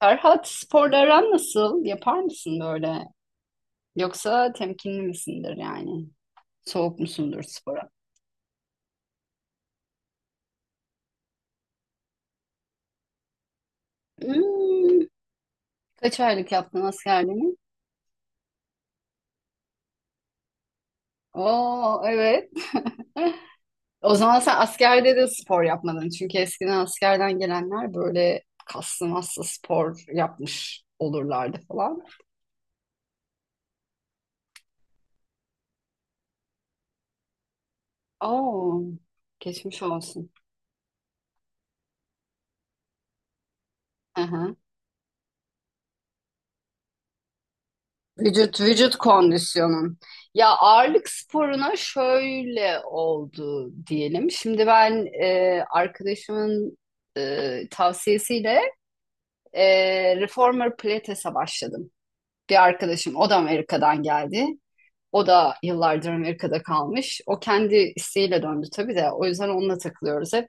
Ferhat sporla aran nasıl? Yapar mısın böyle? Yoksa temkinli misindir yani? Soğuk musundur spora? Hmm, kaç aylık yaptın askerliğini? Oo evet. O zaman sen askerde de spor yapmadın. Çünkü eskiden askerden gelenler böyle kaslı maslı spor yapmış olurlardı falan. Oo geçmiş olsun. Vücut kondisyonun. Ya ağırlık sporuna şöyle oldu diyelim. Şimdi ben arkadaşımın tavsiyesiyle e, Reformer Pilates'e başladım. Bir arkadaşım o da Amerika'dan geldi. O da yıllardır Amerika'da kalmış. O kendi isteğiyle döndü tabii de. O yüzden onunla takılıyoruz hep.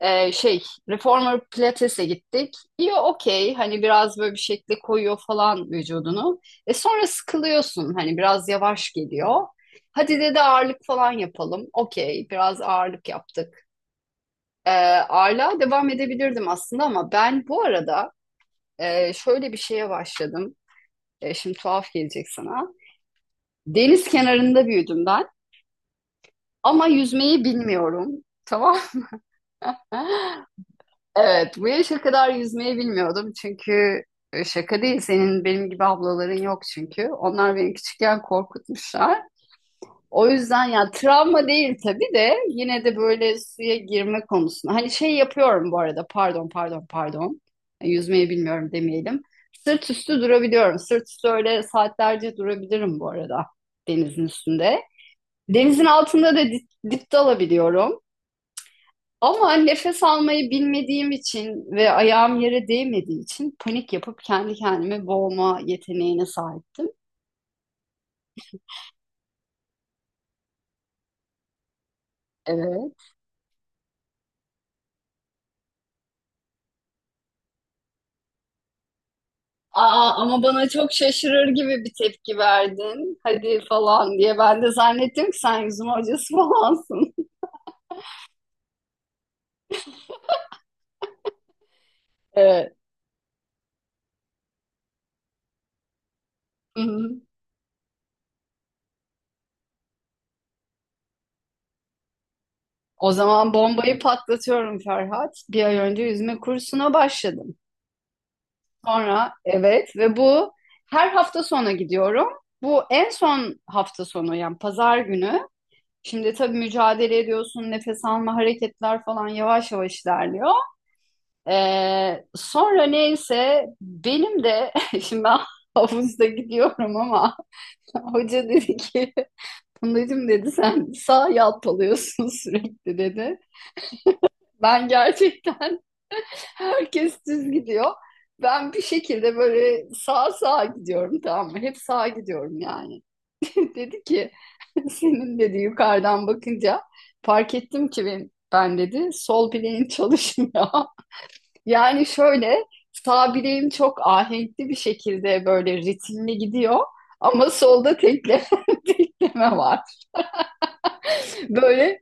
Şey Reformer Pilates'e gittik. İyi okey hani biraz böyle bir şekilde koyuyor falan vücudunu. Sonra sıkılıyorsun hani biraz yavaş geliyor. Hadi dedi ağırlık falan yapalım. Okey biraz ağırlık yaptık. Ee, Ağırlığa devam edebilirdim aslında ama ben bu arada şöyle bir şeye başladım. Şimdi tuhaf gelecek sana. Deniz kenarında büyüdüm ben ama yüzmeyi bilmiyorum. Tamam. Evet, bu yaşa kadar yüzmeyi bilmiyordum çünkü şaka değil senin benim gibi ablaların yok çünkü. Onlar beni küçükken korkutmuşlar. O yüzden ya travma değil tabii de yine de böyle suya girme konusunda. Hani şey yapıyorum bu arada pardon pardon pardon. Yüzmeyi bilmiyorum demeyelim. Sırt üstü durabiliyorum. Sırt üstü öyle saatlerce durabilirim bu arada denizin üstünde. Denizin altında da dip dalabiliyorum. Ama nefes almayı bilmediğim için ve ayağım yere değmediği için panik yapıp kendi kendimi boğma yeteneğine sahiptim. Evet. Aa, ama bana çok şaşırır gibi bir tepki verdin. Hadi falan diye. Ben de zannettim ki sen yüzme hocası falansın. Evet. Hı-hı. O zaman bombayı patlatıyorum Ferhat. Bir ay önce yüzme kursuna başladım. Sonra evet ve bu her hafta sonu gidiyorum. Bu en son hafta sonu yani pazar günü. Şimdi tabii mücadele ediyorsun, nefes alma, hareketler falan yavaş yavaş ilerliyor. Sonra neyse benim de şimdi ben havuzda gidiyorum ama hoca dedi ki Fındacığım dedi sen sağ yalpalıyorsun sürekli dedi. Ben gerçekten herkes düz gidiyor. Ben bir şekilde böyle sağa sağa gidiyorum, tamam mı? Hep sağa gidiyorum yani. Dedi ki senin dedi yukarıdan bakınca fark ettim ki ben dedi sol bileğin çalışmıyor. Yani şöyle sağ bileğim çok ahenkli bir şekilde böyle ritimli gidiyor ama solda tekleme var. Böyle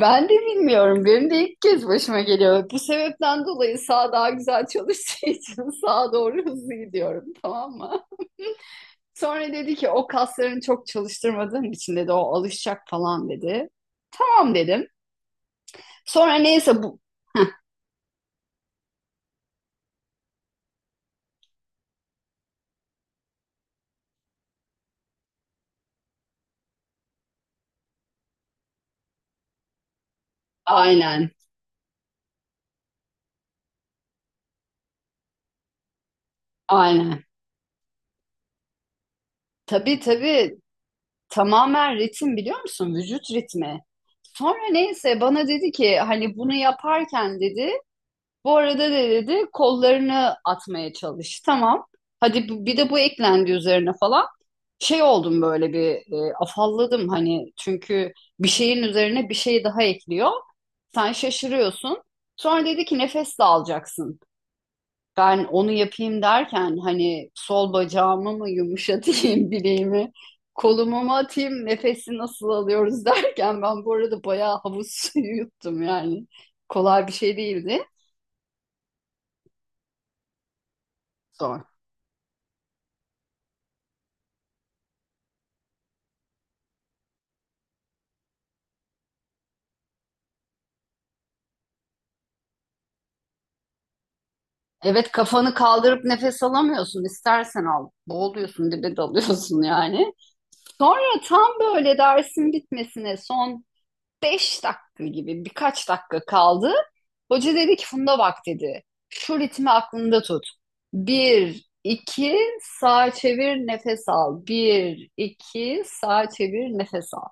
ben de bilmiyorum, benim de ilk kez başıma geliyor. Bu sebepten dolayı sağ daha güzel çalıştığı için sağa doğru hızlı gidiyorum, tamam mı? Sonra dedi ki o kaslarını çok çalıştırmadığın için dedi o alışacak falan dedi. Tamam dedim. Sonra neyse bu. Heh, aynen. Aynen. Tabii tabii, tamamen ritim, biliyor musun? Vücut ritmi. Sonra neyse bana dedi ki hani bunu yaparken dedi bu arada de dedi kollarını atmaya çalış. Tamam. Hadi bir de bu eklendi üzerine falan. Şey oldum böyle bir, afalladım hani, çünkü bir şeyin üzerine bir şey daha ekliyor. Sen şaşırıyorsun. Sonra dedi ki nefes de alacaksın. Ben onu yapayım derken hani sol bacağımı mı yumuşatayım bileğimi, kolumu mu atayım, nefesi nasıl alıyoruz derken ben bu arada bayağı havuz suyu yuttum yani. Kolay bir şey değildi. Zor. Evet, kafanı kaldırıp nefes alamıyorsun. İstersen al. Boğuluyorsun, dibe dalıyorsun yani. Sonra tam böyle dersin bitmesine son 5 dakika gibi birkaç dakika kaldı. Hoca dedi ki Funda bak dedi. Şu ritmi aklında tut. Bir 2 sağa çevir nefes al. Bir 2 sağa çevir nefes al.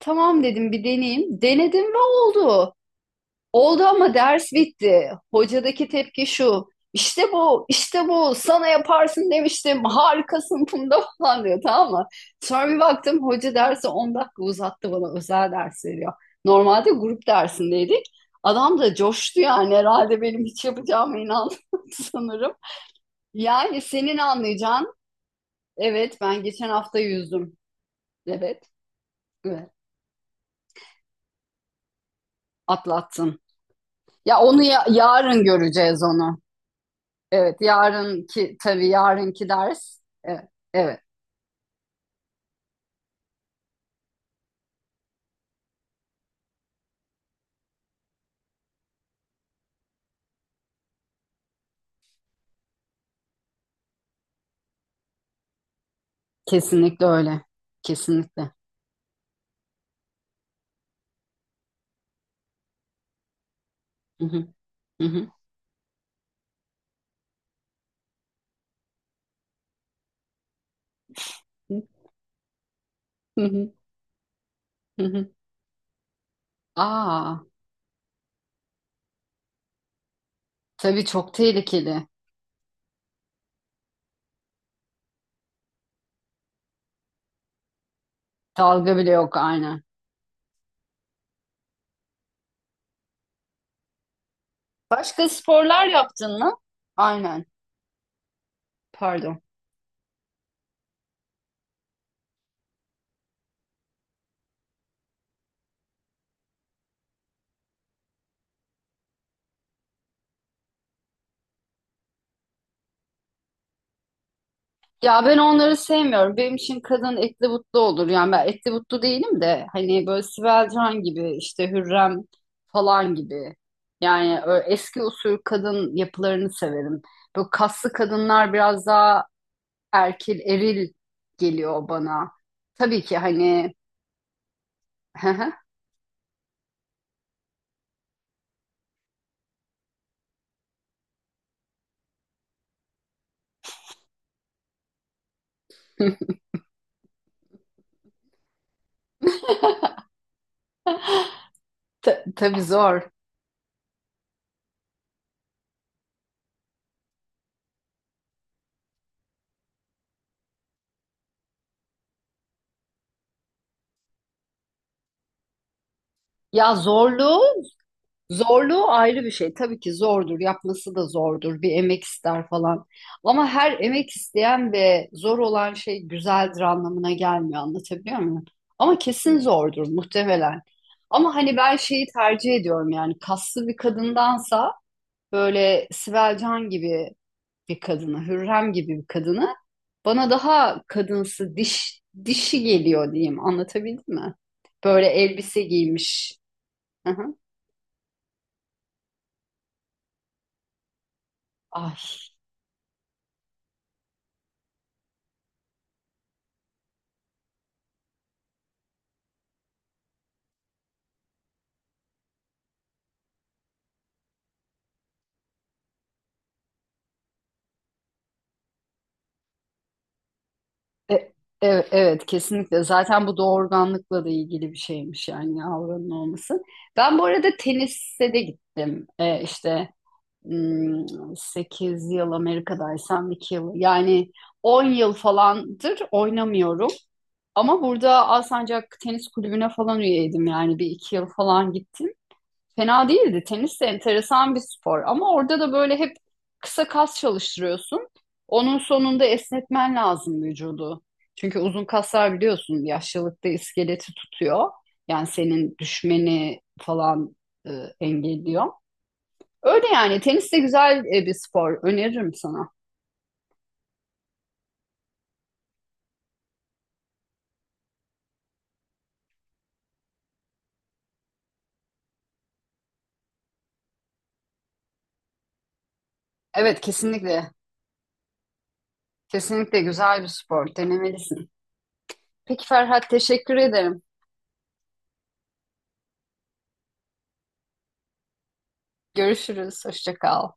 Tamam dedim, bir deneyeyim. Denedim ve oldu. Oldu ama ders bitti. Hocadaki tepki şu: İşte bu, işte bu. Sana yaparsın demiştim. Harikasın Funda falan diyor, tamam mı? Sonra bir baktım hoca dersi 10 dakika uzattı bana. Özel ders veriyor. Normalde grup dersindeydik. Adam da coştu yani, herhalde benim hiç yapacağıma inandı sanırım. Yani senin anlayacağın evet, ben geçen hafta yüzdüm. Evet, evet, atlattım. Ya onu yarın göreceğiz onu. Evet, yarınki, tabii yarınki ders. Evet, evet, kesinlikle öyle. Kesinlikle. Hı hı, hı hı, hı hı, hı hı. Aa, tabii çok tehlikeli. Dalga bile yok, aynen. Başka sporlar yaptın mı? Aynen. Pardon. Ya ben onları sevmiyorum. Benim için kadın etli butlu olur. Yani ben etli butlu değilim de hani böyle Sibel Can gibi, işte Hürrem falan gibi. Yani eski usul kadın yapılarını severim. Böyle kaslı kadınlar biraz daha erkil, eril geliyor bana. Tabii ki hani. Tabii zor. Ya zorluğu Zorluğu ayrı bir şey. Tabii ki zordur, yapması da zordur. Bir emek ister falan. Ama her emek isteyen ve zor olan şey güzeldir anlamına gelmiyor. Anlatabiliyor muyum? Ama kesin zordur muhtemelen. Ama hani ben şeyi tercih ediyorum yani, kaslı bir kadındansa böyle Sibel Can gibi bir kadını, Hürrem gibi bir kadını bana daha kadınsı, dişi geliyor diyeyim. Anlatabildim mi? Böyle elbise giymiş. Hı hı. Ay. E- Evet, kesinlikle. Zaten bu doğurganlıkla da ilgili bir şeymiş yani, avranın olması. Ben bu arada tenise de gittim. İşte 8 yıl Amerika'daysam 2 yıl yani 10 yıl falandır oynamıyorum. Ama burada Alsancak Tenis Kulübü'ne falan üyeydim, yani bir iki yıl falan gittim. Fena değildi. Tenis de enteresan bir spor, ama orada da böyle hep kısa kas çalıştırıyorsun. Onun sonunda esnetmen lazım vücudu. Çünkü uzun kaslar biliyorsun yaşlılıkta iskeleti tutuyor. Yani senin düşmeni falan e, engelliyor. Öyle yani, tenis de güzel bir spor. Öneririm sana. Evet, kesinlikle. Kesinlikle güzel bir spor. Denemelisin. Peki Ferhat, teşekkür ederim. Görüşürüz. Hoşça kal.